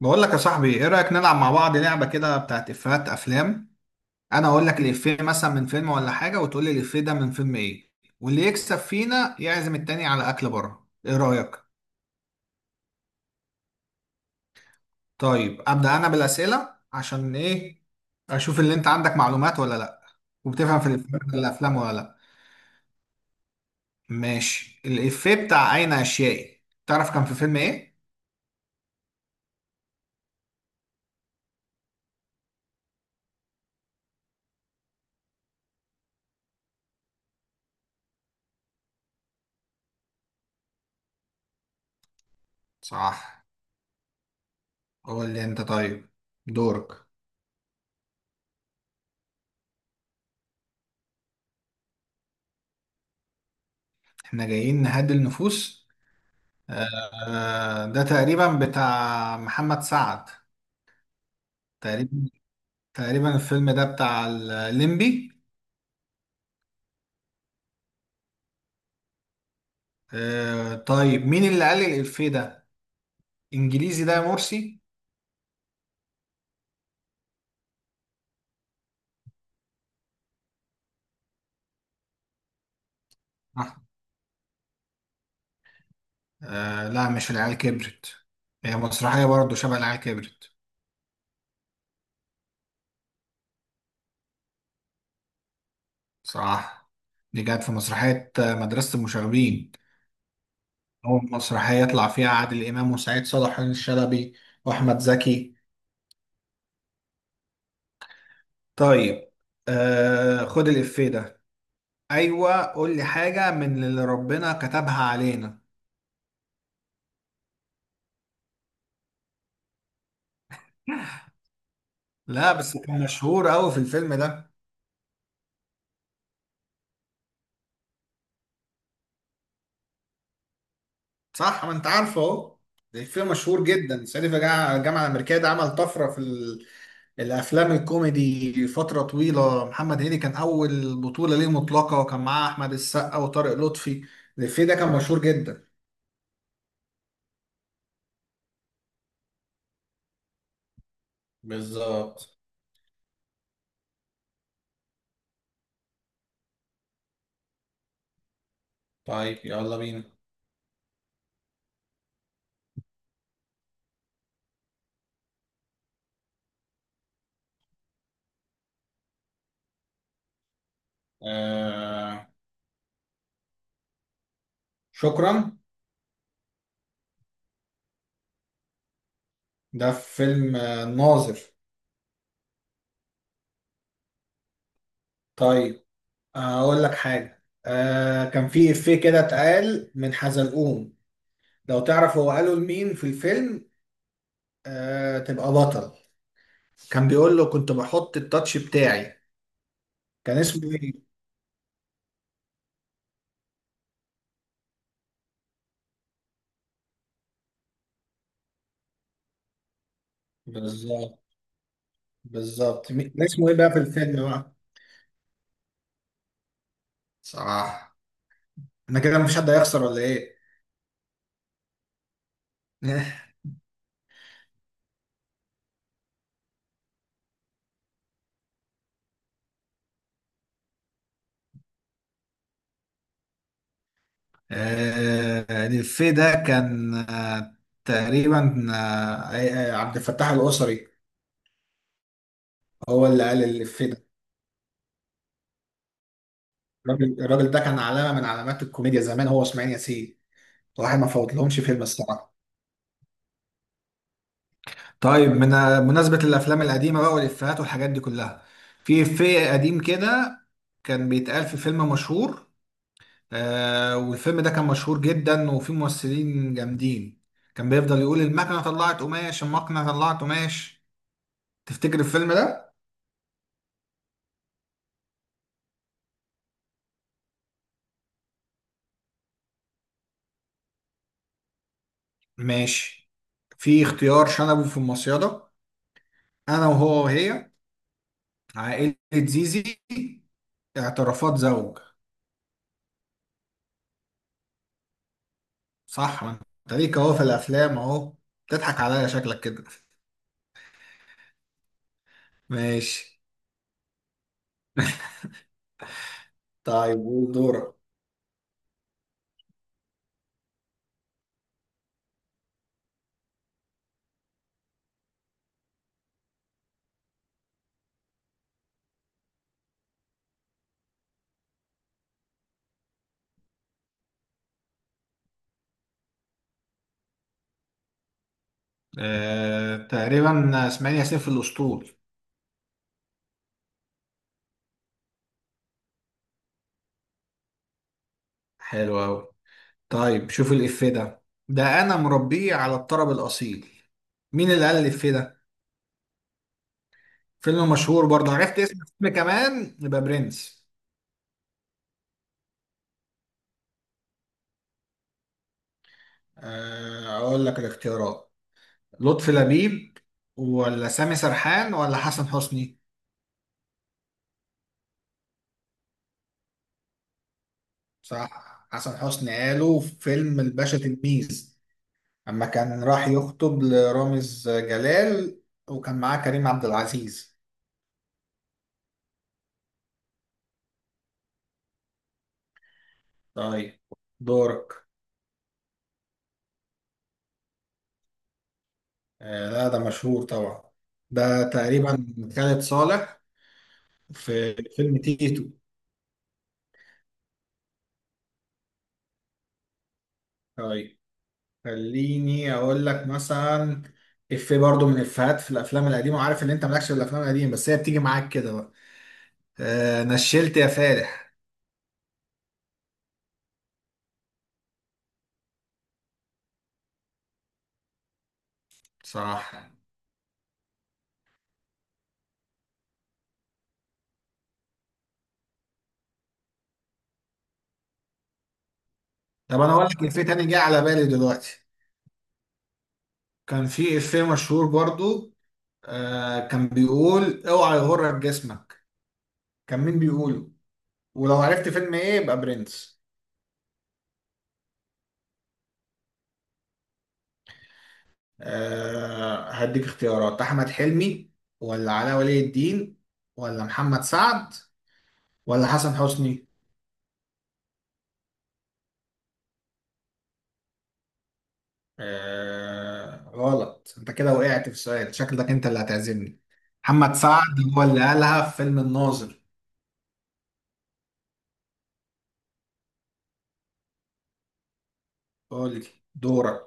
بقول لك يا صاحبي، ايه رأيك نلعب مع بعض لعبة كده بتاعت افيهات افلام؟ انا اقول لك الافيه مثلا من فيلم ولا حاجة، وتقول لي الافيه ده من فيلم ايه، واللي يكسب فينا يعزم التاني على اكل بره. ايه رأيك؟ طيب ابدأ انا بالأسئلة، عشان ايه؟ اشوف اللي انت عندك معلومات ولا لا، وبتفهم في الافيهات ولا الافلام ولا لا. ماشي، الافيه بتاع اين اشيائي، تعرف كان في فيلم ايه؟ صح. قول لي انت طيب، دورك. احنا جايين نهدي النفوس. ده تقريبا بتاع محمد سعد. تقريبا. تقريبا الفيلم ده بتاع الليمبي. طيب، مين اللي قال لي الإفيه ده انجليزي ده يا مرسي؟ آه. لا، مش العيال كبرت، هي مسرحية برضه شبه العيال كبرت. صح، دي كانت في مسرحية مدرسة المشاغبين. أول مسرحية يطلع فيها عادل إمام وسعيد صالح وحسين الشلبي وأحمد زكي. طيب، خد الإفيه ده: ايوه قول لي حاجه من اللي ربنا كتبها علينا. لا، بس كان مشهور قوي في الفيلم ده. صح، ما انت عارفه اهو. ده فيلم مشهور جدا، صعيدي في الجامعة الامريكيه. ده عمل طفره في الافلام الكوميدي فتره طويله. محمد هنيدي كان اول بطوله ليه مطلقه، وكان معاه احمد السقا وطارق لطفي. الفيلم ده كان مشهور جدا. بالظبط. طيب يلا بينا. آه، شكرا. ده في فيلم الناظر. طيب، هقول لك حاجة. آه، كان في إفيه كده اتقال من حزلقوم، لو تعرف هو قاله لمين في الفيلم. آه، تبقى بطل. كان بيقول له كنت بحط التاتش بتاعي، كان اسمه إيه؟ بالظبط. بالظبط، كان اسمه إيه بقى في الفيلم بقى؟ صح. أنا كده مفيش حد هيخسر ولا إيه؟ آه، الإفيه ده كان، آه، تقريبا، آه، عبد الفتاح القصري هو اللي قال الإفيه ده. الراجل ده كان علامه من علامات الكوميديا زمان، هو واسماعيل ياسين. الواحد ما فوتلهمش فيلم الصراحه. طيب، من مناسبة الأفلام القديمة بقى والإفيهات والحاجات دي كلها، في إفيه قديم كده كان بيتقال في فيلم مشهور، آه، والفيلم ده كان مشهور جدا وفيه ممثلين جامدين. كان بيفضل يقول: المكنة طلعت قماش، المكنة طلعت قماش. تفتكر الفيلم ده؟ ماشي، في اختيار: شنبه في المصيدة، أنا وهو وهي، عائلة زيزي، اعترافات زوج. صح، ما انت ليك اهو في الافلام اهو. بتضحك عليا شكلك كده. ماشي. طيب قول، دورك. تقريبا اسماعيل ياسين في الاسطول. حلو اوي. طيب، شوف الافيه ده: ده انا مربيه على الطرب الاصيل. مين اللي قال الافيه ده؟ فيلم مشهور برضه، عرفت اسم الفيلم كمان يبقى برنس. اقول لك الاختيارات: لطفي لبيب ولا سامي سرحان ولا حسن حسني. صح، حسن حسني، قالوا في فيلم الباشا تلميذ اما كان راح يخطب لرامز جلال، وكان معاه كريم عبد العزيز. طيب، دورك. آه لا، ده مشهور طبعا. ده تقريبا خالد صالح، في فيلم تيتو. طيب، خليني اقول لك مثلا افيه برضو من افيهات في الافلام القديمه، وعارف ان انت مالكش في الافلام القديمه، بس هي بتيجي معاك كده بقى. آه، نشلت يا فالح. صح. طب انا اقول لك افيه تاني جه على بالي دلوقتي، كان في افيه مشهور برضو، آه، كان بيقول: اوعى يغرك جسمك. كان مين بيقوله؟ ولو عرفت فيلم ايه يبقى برنس. آه، هديك اختيارات: احمد حلمي ولا علاء ولي الدين ولا محمد سعد ولا حسن حسني. آه غلط، انت كده وقعت في سؤال، شكلك انت اللي هتعزمني. محمد سعد هو اللي قالها في فيلم الناظر. قول لي، دورك.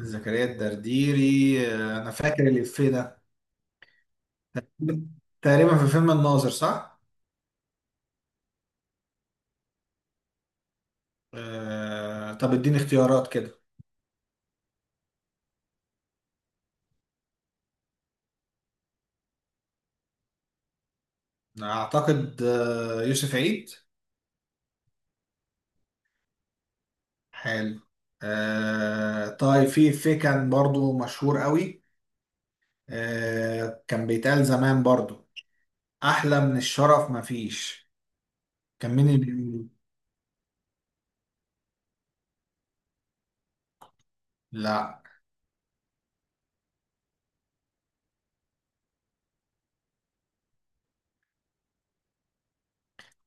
زكريا الدرديري، آه، انا فاكر الإفيه ده. تقريبا في فيلم الناظر، صح؟ طب اديني اختيارات كده. اعتقد يوسف عيد. حلو. طيب، في إفيه كان برضو مشهور قوي، كان بيتقال زمان برضو: احلى من الشرف مفيش. كان مين اللي بيقوله؟ لا.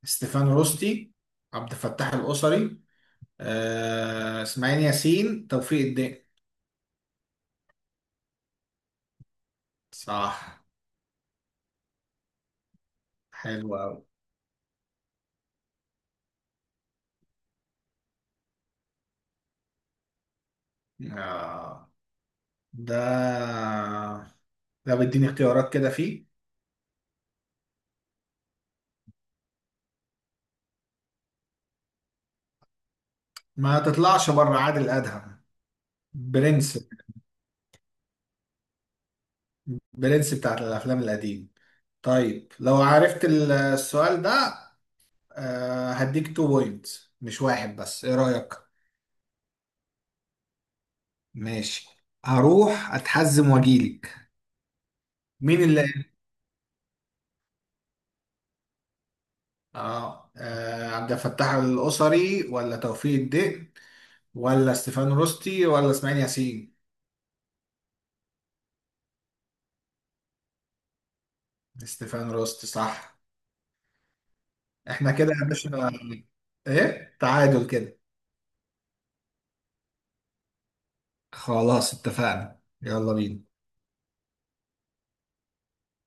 ستيفان روستي، عبد الفتاح القصري، اسماعيل ياسين، توفيق الدين. صح. حلو قوي. آه، ده ده بيديني اختيارات كده فيه. ما تطلعش بره، عادل ادهم. برنس. برنس بتاعت الافلام القديم. طيب، لو عرفت السؤال ده، هديك تو بوينتس مش واحد بس، ايه رايك؟ ماشي، هروح اتحزم واجيلك. مين اللي؟ اه، عبد الفتاح القصري ولا توفيق الدق ولا ستيفان روستي ولا اسماعيل ياسين؟ ستيفان روستي، صح. احنا كده يا باشا. ايه تعادل كده؟ خلاص، اتفقنا، يلا بينا.